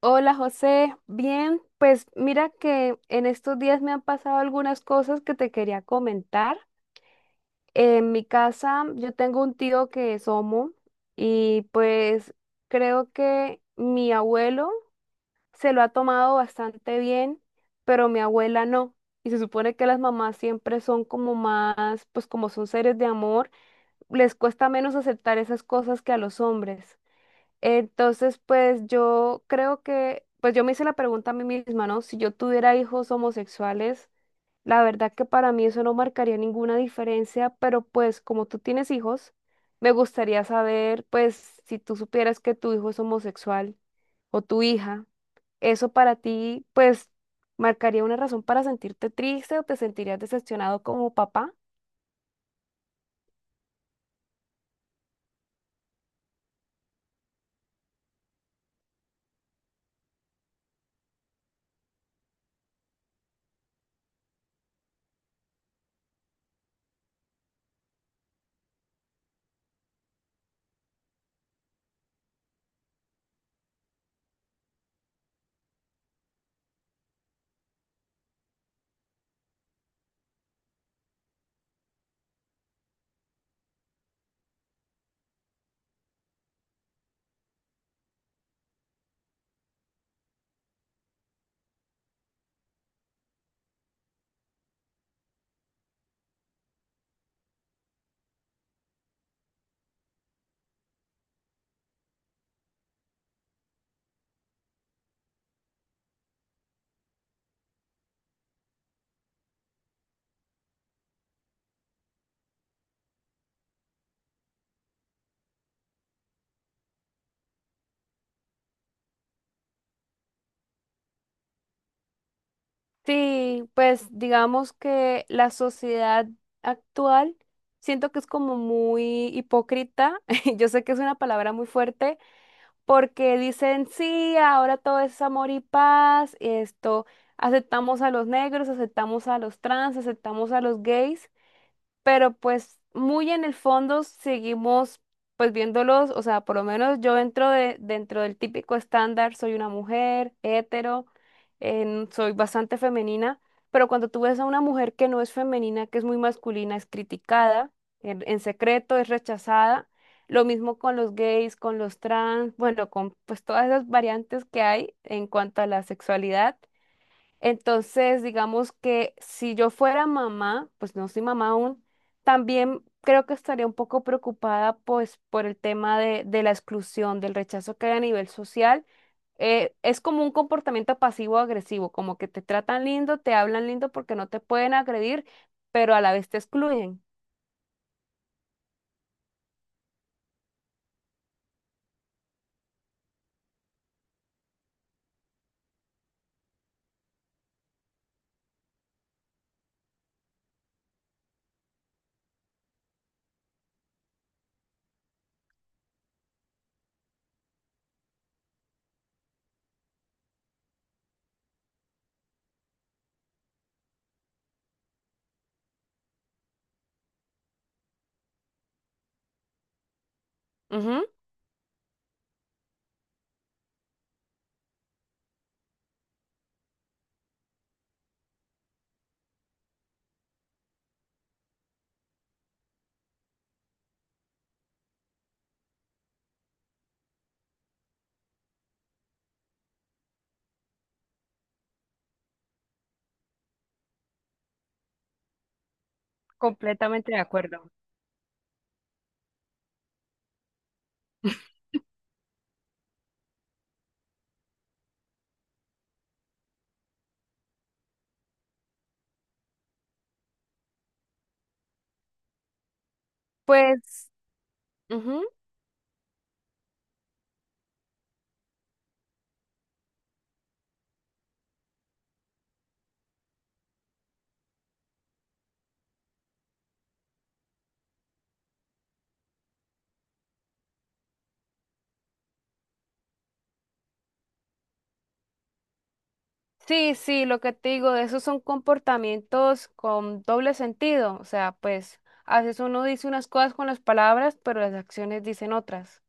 Hola José, bien, pues mira que en estos días me han pasado algunas cosas que te quería comentar. En mi casa yo tengo un tío que es homo y pues creo que mi abuelo se lo ha tomado bastante bien, pero mi abuela no. Y se supone que las mamás siempre son como más, pues como son seres de amor, les cuesta menos aceptar esas cosas que a los hombres. Entonces, pues yo creo que, pues yo me hice la pregunta a mí misma, ¿no? Si yo tuviera hijos homosexuales, la verdad que para mí eso no marcaría ninguna diferencia, pero pues como tú tienes hijos, me gustaría saber, pues si tú supieras que tu hijo es homosexual o tu hija, eso para ti, pues, marcaría una razón para sentirte triste o te sentirías decepcionado como papá. Sí, pues digamos que la sociedad actual siento que es como muy hipócrita. Yo sé que es una palabra muy fuerte porque dicen, sí, ahora todo es amor y paz, esto, aceptamos a los negros, aceptamos a los trans, aceptamos a los gays, pero pues muy en el fondo seguimos pues viéndolos. O sea, por lo menos yo dentro de, dentro del típico estándar soy una mujer hetero, soy bastante femenina, pero cuando tú ves a una mujer que no es femenina, que es muy masculina, es criticada, en secreto es rechazada. Lo mismo con los gays, con los trans, bueno, con pues todas esas variantes que hay en cuanto a la sexualidad. Entonces, digamos que si yo fuera mamá, pues no soy mamá aún, también creo que estaría un poco preocupada pues por el tema de la exclusión, del rechazo que hay a nivel social. Es como un comportamiento pasivo-agresivo, como que te tratan lindo, te hablan lindo porque no te pueden agredir, pero a la vez te excluyen. Ujú. Completamente de acuerdo. Pues, ujú. Sí, sí, lo que te digo, esos son comportamientos con doble sentido. O sea, pues a veces uno dice unas cosas con las palabras, pero las acciones dicen otras.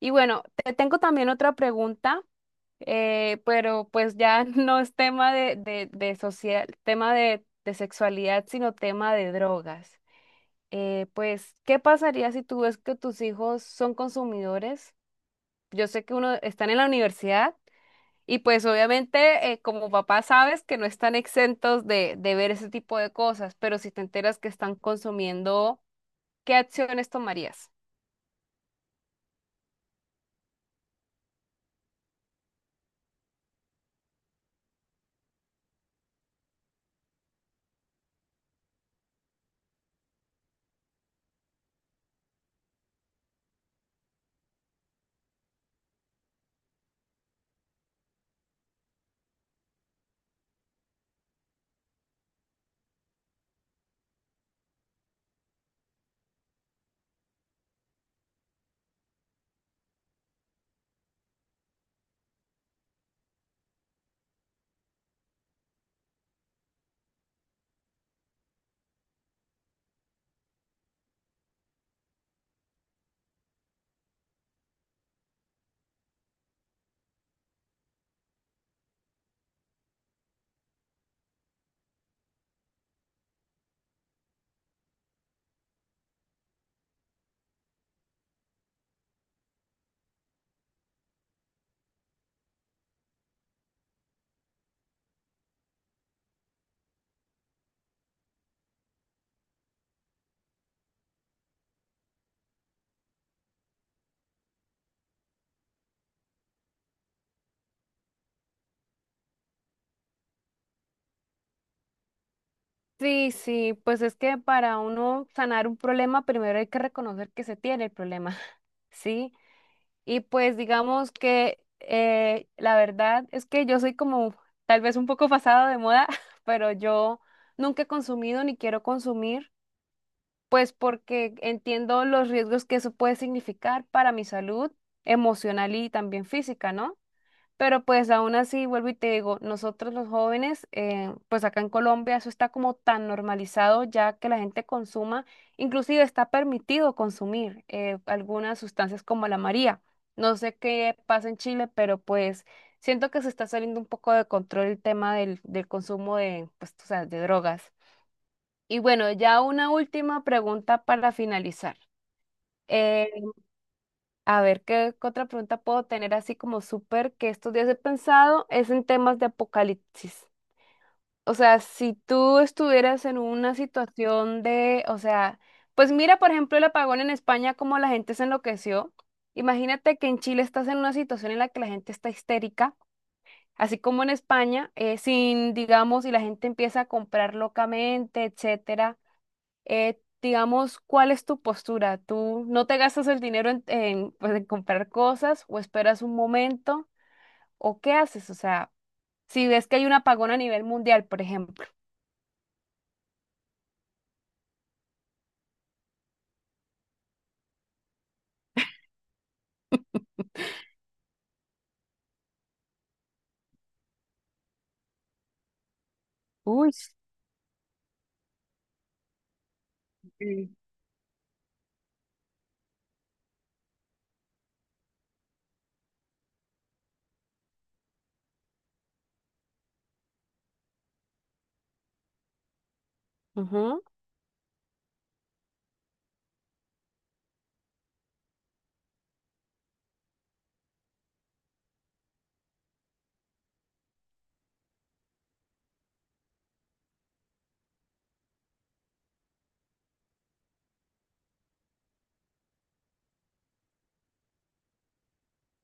Y bueno, te tengo también otra pregunta, pero pues ya no es tema de social, tema de sexualidad, sino tema de drogas. Pues, ¿qué pasaría si tú ves que tus hijos son consumidores? Yo sé que uno están en la universidad y pues obviamente como papá sabes que no están exentos de ver ese tipo de cosas, pero si te enteras que están consumiendo, ¿qué acciones tomarías? Sí, sí, pues es que para uno sanar un problema, primero hay que reconocer que se tiene el problema, ¿sí? Y pues digamos que la verdad es que yo soy como tal vez un poco pasado de moda, pero yo nunca he consumido ni quiero consumir. Pues porque entiendo los riesgos que eso puede significar para mi salud emocional y también física, ¿no? Pero pues aún así, vuelvo y te digo, nosotros los jóvenes, pues acá en Colombia eso está como tan normalizado ya que la gente consuma, inclusive está permitido consumir algunas sustancias como la María. No sé qué pasa en Chile, pero pues siento que se está saliendo un poco de control el tema del consumo de, pues, tú sabes, de drogas. Y bueno, ya una última pregunta para finalizar. Eh, a ver, ¿qué otra pregunta puedo tener así como súper que estos días he pensado? Es en temas de apocalipsis. O sea, si tú estuvieras en una situación de, o sea, pues mira, por ejemplo, el apagón en España, cómo la gente se enloqueció. Imagínate que en Chile estás en una situación en la que la gente está histérica, así como en España, sin, digamos, y la gente empieza a comprar locamente, etcétera. Digamos, ¿cuál es tu postura? ¿Tú no te gastas el dinero pues, en comprar cosas o esperas un momento o qué haces? O sea, si ves que hay un apagón a nivel mundial, por ejemplo. Uy, sí. Ujú,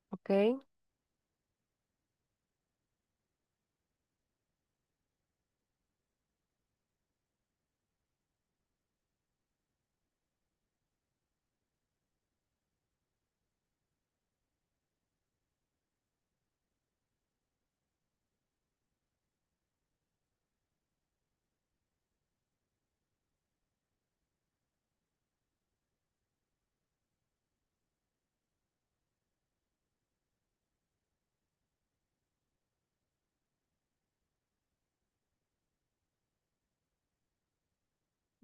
ok,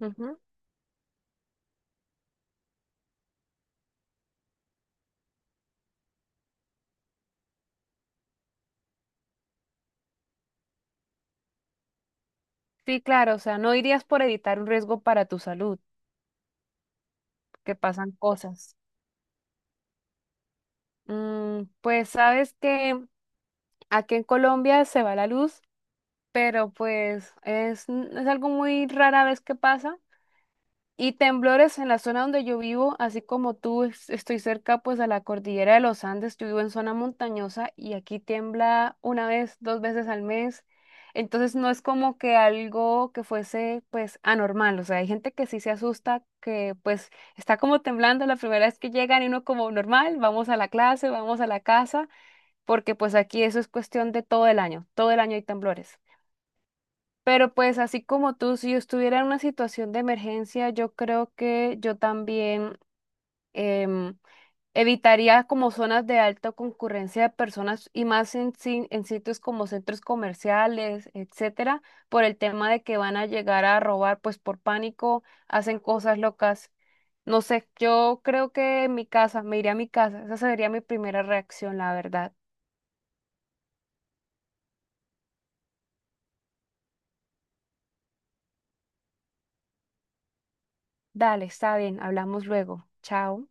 ujú. Sí, claro, o sea, no irías por evitar un riesgo para tu salud, que pasan cosas. Mm, pues sabes que aquí en Colombia se va la luz, pero pues es algo muy rara vez que pasa. Y temblores en la zona donde yo vivo, así como tú, estoy cerca pues a la cordillera de los Andes, yo vivo en zona montañosa y aquí tiembla una vez, dos veces al mes. Entonces no es como que algo que fuese pues anormal, o sea, hay gente que sí se asusta, que pues está como temblando la primera vez que llegan y uno como normal, vamos a la clase, vamos a la casa, porque pues aquí eso es cuestión de todo el año hay temblores. Pero pues así como tú, si yo estuviera en una situación de emergencia, yo creo que yo también em, evitaría como zonas de alta concurrencia de personas y más en, si- en sitios como centros comerciales, etcétera, por el tema de que van a llegar a robar, pues por pánico hacen cosas locas. No sé, yo creo que en mi casa, me iría a mi casa. Esa sería mi primera reacción, la verdad. Dale, está bien, hablamos luego. Chao.